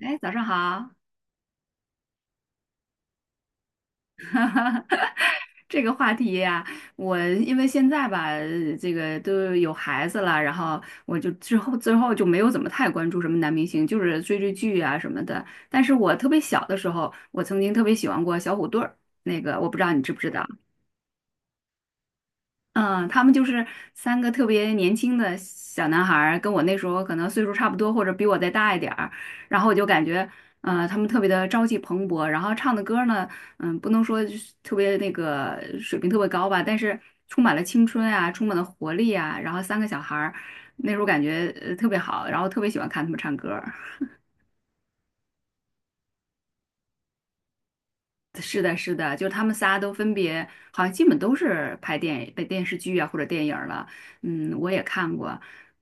哎，早上好。这个话题呀、我因为现在吧，这个都有孩子了，然后我就之后就没有怎么太关注什么男明星，就是追追剧啊什么的。但是我特别小的时候，我曾经特别喜欢过小虎队儿，那个我不知道你知不知道。嗯，他们就是三个特别年轻的小男孩儿，跟我那时候可能岁数差不多，或者比我再大一点儿。然后我就感觉，他们特别的朝气蓬勃，然后唱的歌呢，嗯，不能说就是特别那个水平特别高吧，但是充满了青春啊，充满了活力啊。然后三个小孩儿，那时候感觉特别好，然后特别喜欢看他们唱歌。是的，是的，就是他们仨都分别，好像基本都是拍电影、拍电视剧啊或者电影儿了。嗯，我也看过，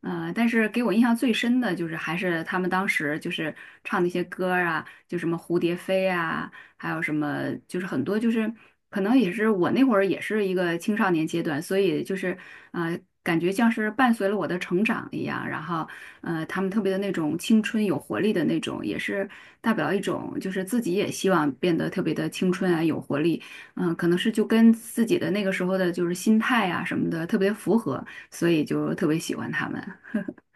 但是给我印象最深的就是还是他们当时就是唱那些歌儿啊，就什么蝴蝶飞啊，还有什么就是很多就是可能也是我那会儿也是一个青少年阶段，所以就是感觉像是伴随了我的成长一样，然后他们特别的那种青春有活力的那种，也是代表一种，就是自己也希望变得特别的青春啊，有活力。嗯、可能是就跟自己的那个时候的就是心态啊什么的特别符合，所以就特别喜欢他们。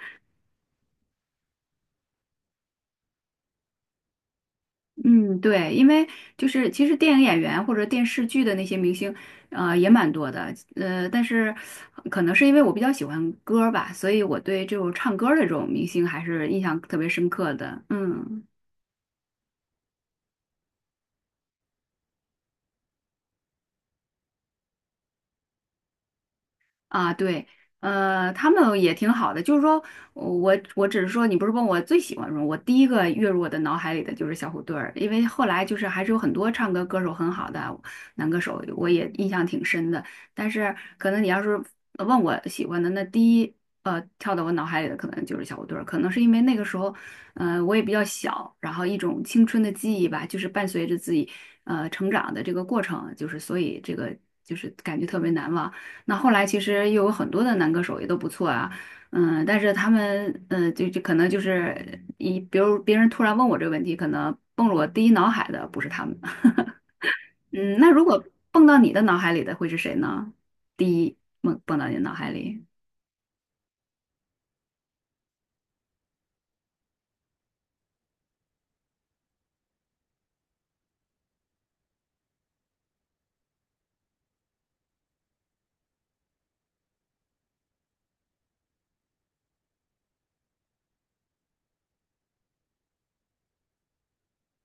嗯，对，因为就是其实电影演员或者电视剧的那些明星，也蛮多的，但是可能是因为我比较喜欢歌儿吧，所以我对这种唱歌儿的这种明星还是印象特别深刻的。嗯。啊，对，他们也挺好的，就是说我只是说，你不是问我最喜欢什么，我第一个跃入我的脑海里的就是小虎队儿，因为后来就是还是有很多唱歌歌手很好的男歌手，我也印象挺深的。但是可能你要是问我喜欢的，那第一跳到我脑海里的可能就是小虎队儿，可能是因为那个时候，我也比较小，然后一种青春的记忆吧，就是伴随着自己成长的这个过程，就是所以这个就是感觉特别难忘。那后来其实又有很多的男歌手也都不错啊，嗯，但是他们，就可能就是一，比如别人突然问我这个问题，可能蹦入我第一脑海的不是他们。嗯，那如果蹦到你的脑海里的会是谁呢？第一蹦到你的脑海里。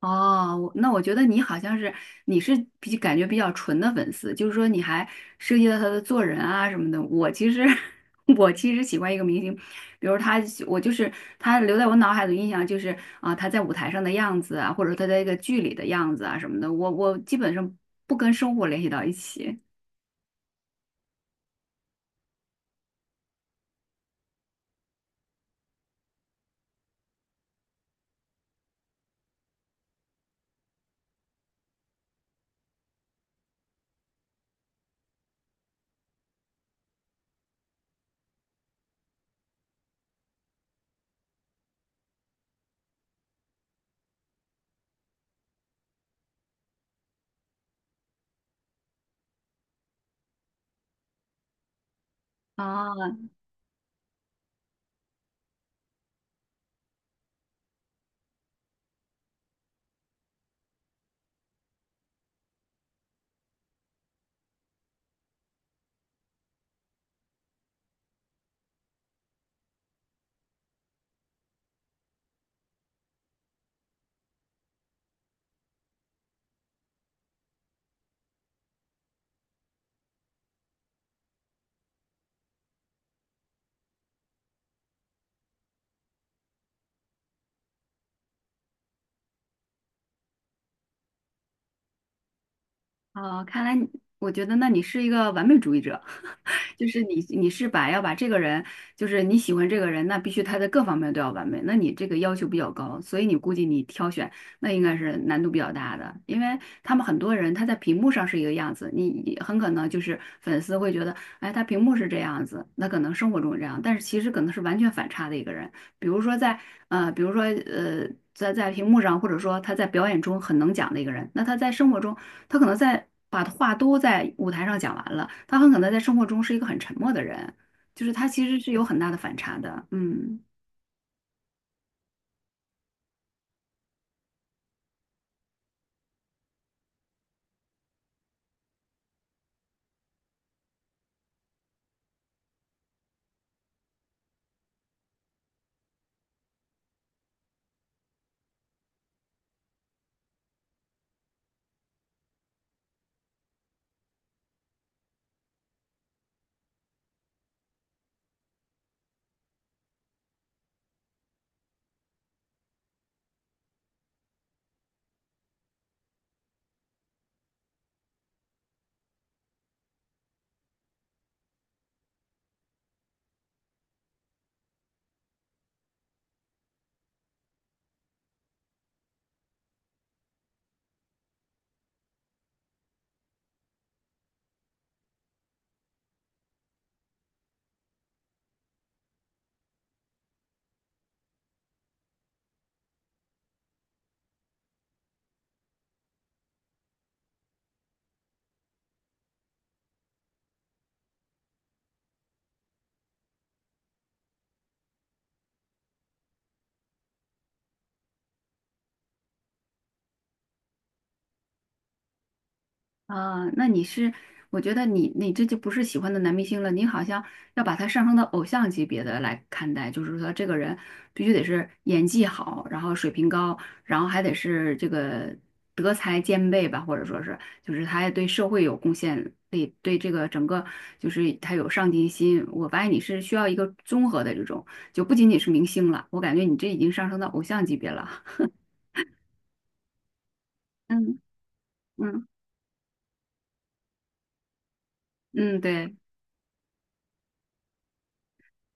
哦，我那我觉得你好像是你是比感觉比较纯的粉丝，就是说你还涉及到他的做人啊什么的。我其实 我其实喜欢一个明星，比如他，我就是他留在我脑海的印象就是啊、他在舞台上的样子啊，或者他在一个剧里的样子啊什么的。我基本上不跟生活联系到一起。啊啊，看来你我觉得那你是一个完美主义者。就是你是把要把这个人，就是你喜欢这个人，那必须他在各方面都要完美，那你这个要求比较高，所以你估计你挑选那应该是难度比较大的，因为他们很多人他在屏幕上是一个样子，你很可能就是粉丝会觉得，哎，他屏幕是这样子，那可能生活中是这样，但是其实可能是完全反差的一个人，比如说在呃，比如说呃。在屏幕上，或者说他在表演中很能讲的一个人，那他在生活中他可能在把话都在舞台上讲完了，他很可能在生活中是一个很沉默的人，就是他其实是有很大的反差的。嗯。啊，那你是，我觉得你这就不是喜欢的男明星了，你好像要把他上升到偶像级别的来看待，就是说这个人必须得是演技好，然后水平高，然后还得是这个德才兼备吧，或者说是就是他还对社会有贡献对这个整个就是他有上进心。我发现你是需要一个综合的这种，就不仅仅是明星了，我感觉你这已经上升到偶像级别了。嗯嗯嗯，对。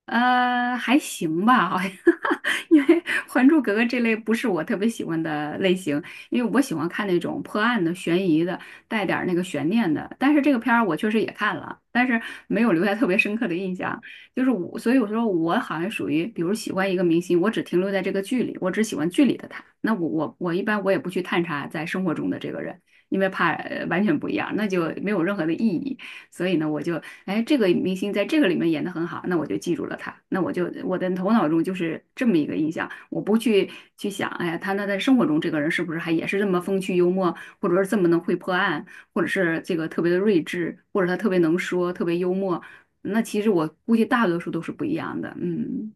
还行吧，好像。因为《还珠格格》这类不是我特别喜欢的类型，因为我喜欢看那种破案的、悬疑的，带点儿那个悬念的。但是这个片儿我确实也看了，但是没有留下特别深刻的印象。就是我，所以我说我好像属于，比如喜欢一个明星，我只停留在这个剧里，我只喜欢剧里的他。那我一般我也不去探查在生活中的这个人，因为怕完全不一样，那就没有任何的意义。所以呢，我就哎，这个明星在这个里面演得很好，那我就记住了他。那我就我的头脑中就是这么一个印象，我不去去想，哎呀，他那在生活中这个人是不是还也是这么风趣幽默，或者是这么能会破案，或者是这个特别的睿智，或者他特别能说，特别幽默。那其实我估计大多数都是不一样的。嗯。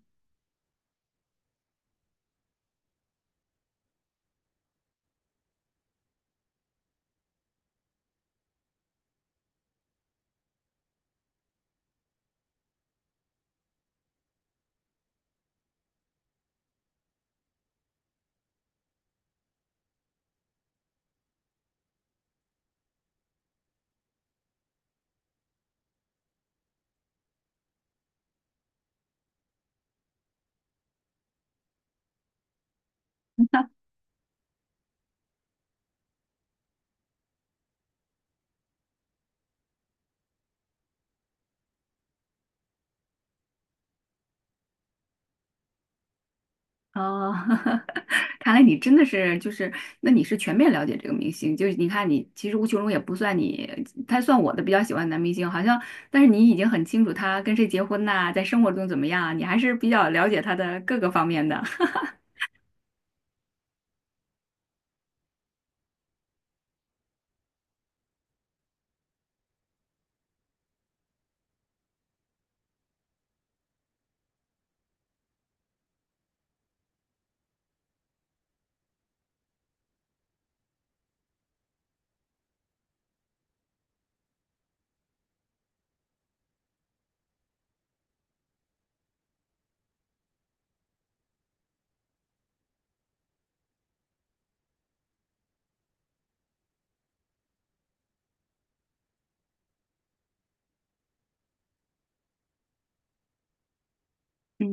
哦。看来你真的是就是，那你是全面了解这个明星，就是你看你其实吴奇隆也不算你，他算我的比较喜欢的男明星，好像，但是你已经很清楚他跟谁结婚呐、在生活中怎么样啊，你还是比较了解他的各个方面的。嗯，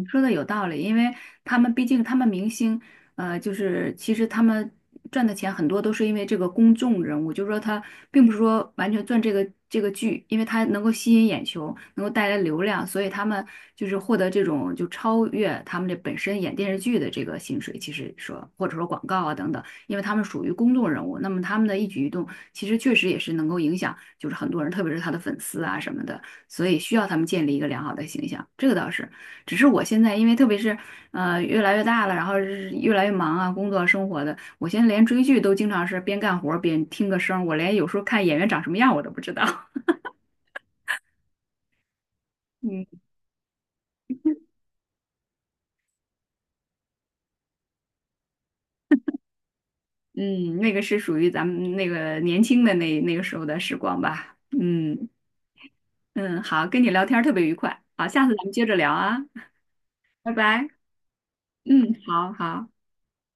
你说的有道理，因为他们毕竟他们明星，就是其实他们赚的钱很多都是因为这个公众人物，就是说他并不是说完全赚这个剧，因为他能够吸引眼球，能够带来流量，所以他们就是获得这种就超越他们这本身演电视剧的这个薪水，其实说或者说广告啊等等，因为他们属于公众人物，那么他们的一举一动其实确实也是能够影响，就是很多人，特别是他的粉丝啊什么的。所以需要他们建立一个良好的形象，这个倒是。只是我现在因为特别是越来越大了，然后是越来越忙啊，工作生活的，我现在连追剧都经常是边干活儿边听个声儿，我连有时候看演员长什么样我都不知道。嗯嗯，那个是属于咱们那个年轻的那个时候的时光吧。嗯嗯，好，跟你聊天儿特别愉快，好，下次咱们接着聊啊，拜拜。嗯，好好。